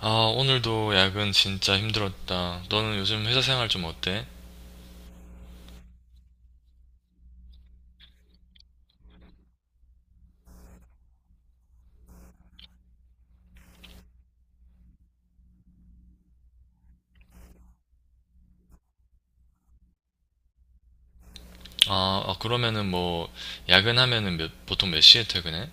아, 오늘도 야근 진짜 힘들었다. 너는 요즘 회사 생활 좀 어때? 아, 아, 그러면은 뭐, 야근하면은 보통 몇 시에 퇴근해?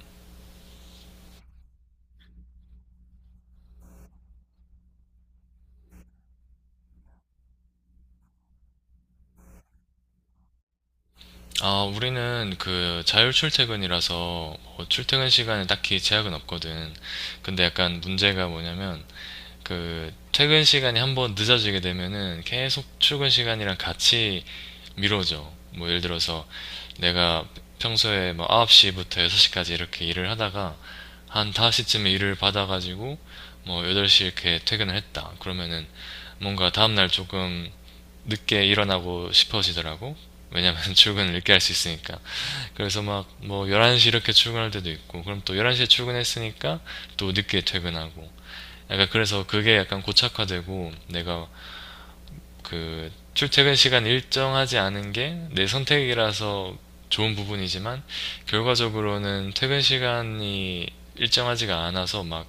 아, 우리는 그 자율 출퇴근이라서 뭐 출퇴근 시간에 딱히 제약은 없거든. 근데 약간 문제가 뭐냐면, 그 퇴근 시간이 한번 늦어지게 되면은 계속 출근 시간이랑 같이 미뤄져. 뭐 예를 들어서 내가 평소에 뭐 9시부터 6시까지 이렇게 일을 하다가 한 5시쯤에 일을 받아가지고 뭐 8시 이렇게 퇴근을 했다. 그러면은 뭔가 다음날 조금 늦게 일어나고 싶어지더라고. 왜냐면 출근을 늦게 할 수 있으니까. 그래서 막 뭐 11시 이렇게 출근할 때도 있고, 그럼 또 11시에 출근했으니까 또 늦게 퇴근하고. 약간 그래서 그게 약간 고착화되고 내가 그 출퇴근 시간 일정하지 않은 게 내 선택이라서 좋은 부분이지만 결과적으로는 퇴근 시간이 일정하지가 않아서 막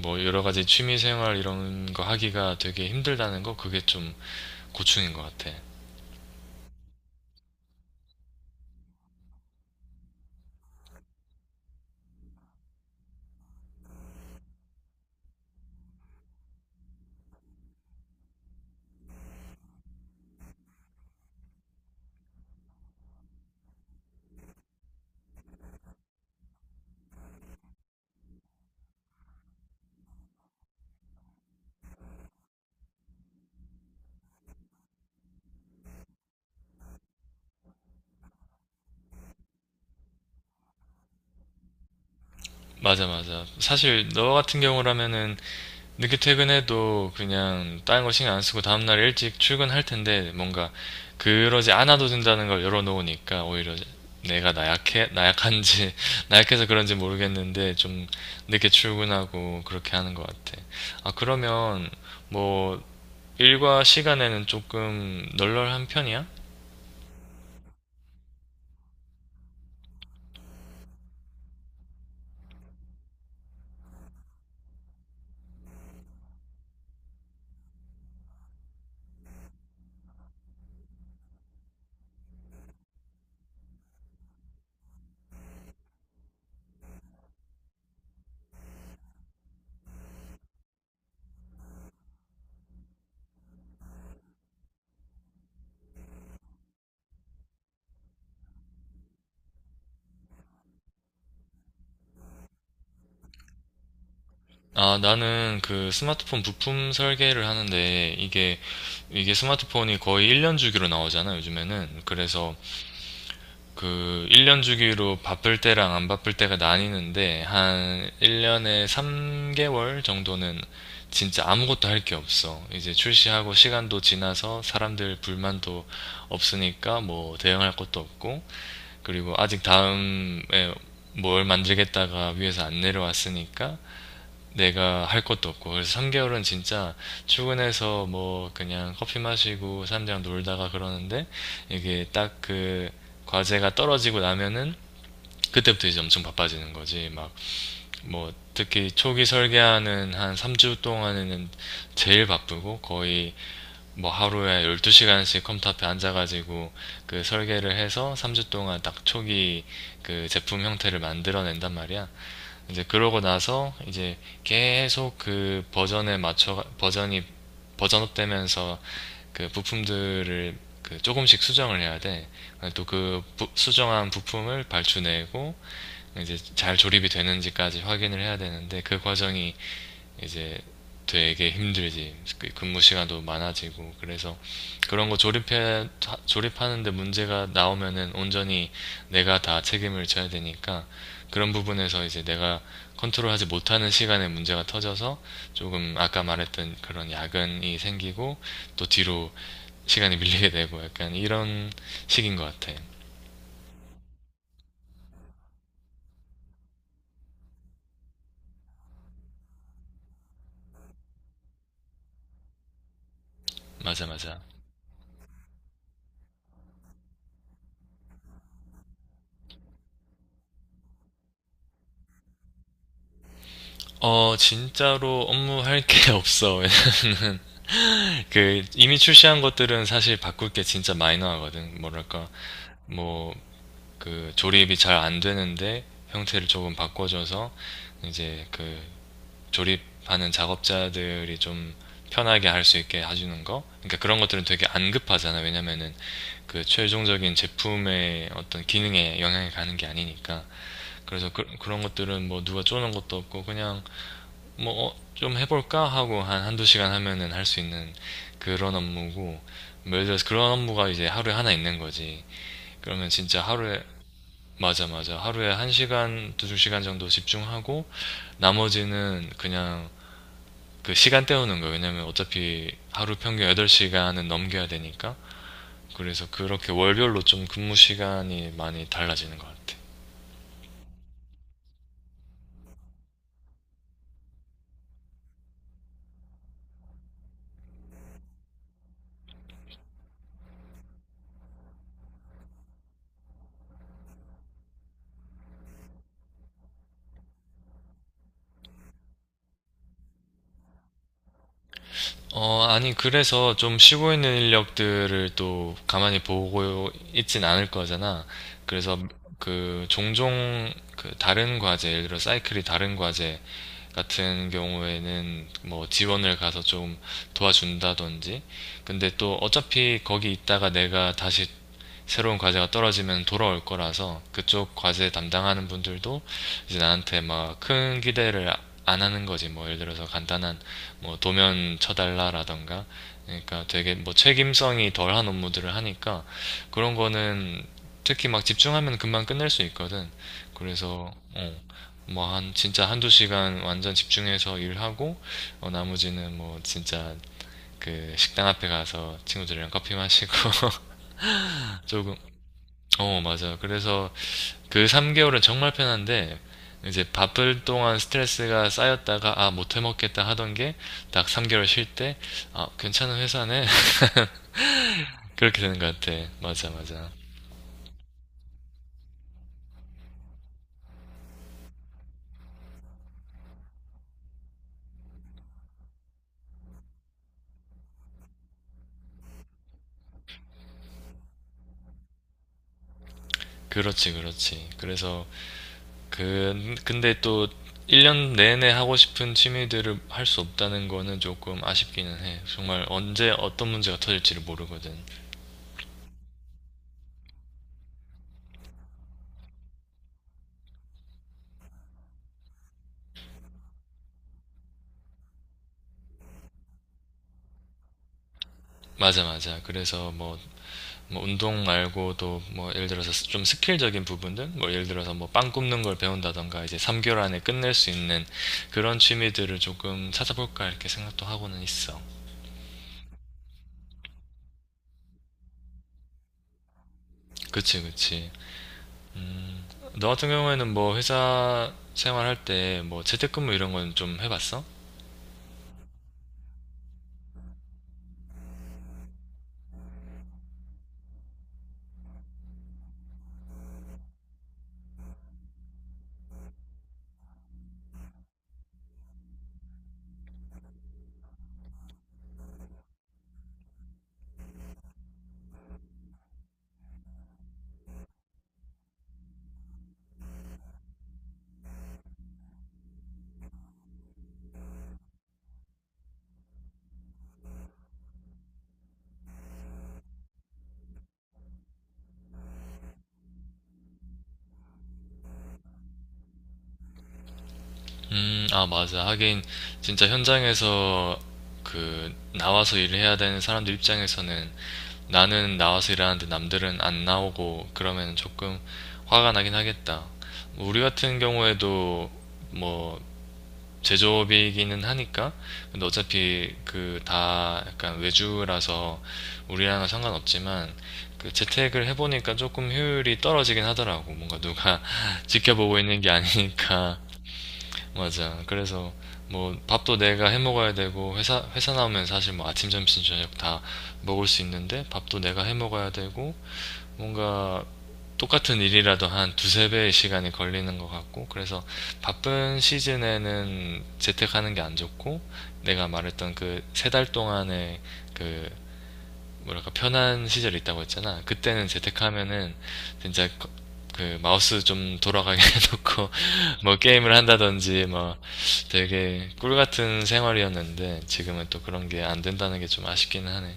뭐 여러 가지 취미 생활 이런 거 하기가 되게 힘들다는 거, 그게 좀 고충인 것 같아. 맞아, 맞아. 사실 너 같은 경우라면은 늦게 퇴근해도 그냥 다른 거 신경 안 쓰고 다음날 일찍 출근할 텐데, 뭔가 그러지 않아도 된다는 걸 열어놓으니까 오히려 내가 나약한지, 나약해서 그런지 모르겠는데 좀 늦게 출근하고 그렇게 하는 것 같아. 아, 그러면 뭐 일과 시간에는 조금 널널한 편이야? 아, 나는 그 스마트폰 부품 설계를 하는데 이게 스마트폰이 거의 1년 주기로 나오잖아, 요즘에는. 그래서 그 1년 주기로 바쁠 때랑 안 바쁠 때가 나뉘는데 한 1년에 3개월 정도는 진짜 아무것도 할 게 없어. 이제 출시하고 시간도 지나서 사람들 불만도 없으니까 뭐 대응할 것도 없고, 그리고 아직 다음에 뭘 만들겠다가 위에서 안 내려왔으니까 내가 할 것도 없고, 그래서 3개월은 진짜 출근해서 뭐 그냥 커피 마시고 사람들이랑 놀다가 그러는데, 이게 딱 그 과제가 떨어지고 나면은 그때부터 이제 엄청 바빠지는 거지. 막 뭐 특히 초기 설계하는 한 3주 동안에는 제일 바쁘고, 거의 뭐 하루에 12시간씩 컴퓨터 앞에 앉아가지고 그 설계를 해서 3주 동안 딱 초기 그 제품 형태를 만들어낸단 말이야. 이제 그러고 나서 이제 계속 그 버전에 맞춰 버전이 버전업 되면서 그 부품들을 그 조금씩 수정을 해야 돼. 또 그 수정한 부품을 발주내고 이제 잘 조립이 되는지까지 확인을 해야 되는데, 그 과정이 이제 되게 힘들지. 그 근무 시간도 많아지고. 그래서 그런 거 조립해 조립하는데 문제가 나오면은 온전히 내가 다 책임을 져야 되니까, 그런 부분에서 이제 내가 컨트롤하지 못하는 시간에 문제가 터져서 조금 아까 말했던 그런 야근이 생기고, 또 뒤로 시간이 밀리게 되고 약간 이런 식인 것 같아. 맞아, 맞아. 어, 진짜로 업무할 게 없어. 왜냐면은 그 이미 출시한 것들은 사실 바꿀 게 진짜 마이너하거든. 뭐랄까, 뭐 그 조립이 잘 안 되는데 형태를 조금 바꿔줘서 이제 그 조립하는 작업자들이 좀 편하게 할 수 있게 해주는 거. 그러니까 그런 것들은 되게 안 급하잖아. 왜냐면은 그 최종적인 제품의 어떤 기능에 영향이 가는 게 아니니까. 그래서 그 런 것들은 뭐 누가 쪼는 것도 없고 그냥 뭐, 어, 좀 해볼까? 하고 한 한두 시간 하면은 할 수 있는 그런 업무고, 뭐 예를 들어서 그런 업무가 이제 하루에 하나 있는 거지. 그러면 진짜 하루에, 맞아, 맞아. 하루에 한 시간, 두 시간 정도 집중하고, 나머지는 그냥 그 시간 때우는 거예요. 왜냐면 어차피 하루 평균 8시간은 넘겨야 되니까. 그래서 그렇게 월별로 좀 근무 시간이 많이 달라지는 것 같아. 어, 아니, 그래서 좀 쉬고 있는 인력들을 또 가만히 보고 있진 않을 거잖아. 그래서 그 종종 그 다른 과제, 예를 들어 사이클이 다른 과제 같은 경우에는 뭐 지원을 가서 좀 도와준다든지. 근데 또 어차피 거기 있다가 내가 다시 새로운 과제가 떨어지면 돌아올 거라서 그쪽 과제 담당하는 분들도 이제 나한테 막 큰 기대를 안 하는 거지. 뭐 예를 들어서 간단한 뭐 도면 쳐달라라던가, 그러니까 되게 뭐 책임성이 덜한 업무들을 하니까 그런 거는 특히 막 집중하면 금방 끝낼 수 있거든. 그래서 어, 뭐 한 진짜 한두 시간 완전 집중해서 일하고, 어, 나머지는 뭐 진짜 그 식당 앞에 가서 친구들이랑 커피 마시고 조금, 어, 맞아요. 그래서 그 3개월은 정말 편한데, 이제 바쁠 동안 스트레스가 쌓였다가, 아, 못 해먹겠다 하던 게, 딱 3개월 쉴 때, 아, 괜찮은 회사네. 그렇게 되는 것 같아. 맞아, 맞아. 그렇지, 그렇지. 그래서, 그, 근데 또, 1년 내내 하고 싶은 취미들을 할 수 없다는 거는 조금 아쉽기는 해. 정말 언제 어떤 문제가 터질지를 모르거든. 맞아, 맞아. 그래서 뭐, 뭐 운동 말고도 뭐 예를 들어서 좀 스킬적인 부분들, 뭐 예를 들어서 뭐 빵 굽는 걸 배운다던가 이제 3개월 안에 끝낼 수 있는 그런 취미들을 조금 찾아볼까 이렇게 생각도 하고는 있어. 그치, 그치. 너 같은 경우에는 뭐 회사 생활할 때 뭐 재택근무 이런 건 좀 해봤어? 아, 맞아. 하긴, 진짜 현장에서 그, 나와서 일을 해야 되는 사람들 입장에서는 나는 나와서 일하는데 남들은 안 나오고 그러면 조금 화가 나긴 하겠다. 뭐 우리 같은 경우에도 뭐 제조업이기는 하니까. 근데 어차피 그 다 약간 외주라서 우리랑은 상관없지만, 그 재택을 해보니까 조금 효율이 떨어지긴 하더라고. 뭔가 누가 지켜보고 있는 게 아니니까. 맞아. 그래서 뭐 밥도 내가 해 먹어야 되고, 회사 나오면 사실 뭐 아침, 점심, 저녁 다 먹을 수 있는데 밥도 내가 해 먹어야 되고, 뭔가 똑같은 일이라도 한 두세 배의 시간이 걸리는 것 같고. 그래서 바쁜 시즌에는 재택하는 게 안 좋고, 내가 말했던 그 세 달 동안의 그, 뭐랄까, 편한 시절이 있다고 했잖아. 그때는 재테크하면은 진짜 그 마우스 좀 돌아가게 해놓고 뭐 게임을 한다든지 뭐, 되게 꿀 같은 생활이었는데 지금은 또 그런 게 안 된다는 게 좀 아쉽기는 하네.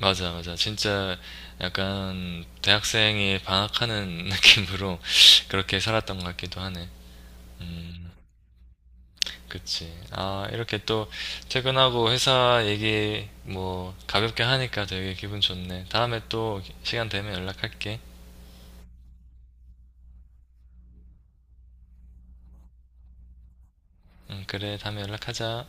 맞아, 맞아. 진짜 약간 대학생이 방학하는 느낌으로 그렇게 살았던 것 같기도 하네. 음. 그치. 아, 이렇게 또 퇴근하고 회사 얘기 뭐 가볍게 하니까 되게 기분 좋네. 다음에 또 시간 되면 연락할게. 응, 그래. 다음에 연락하자.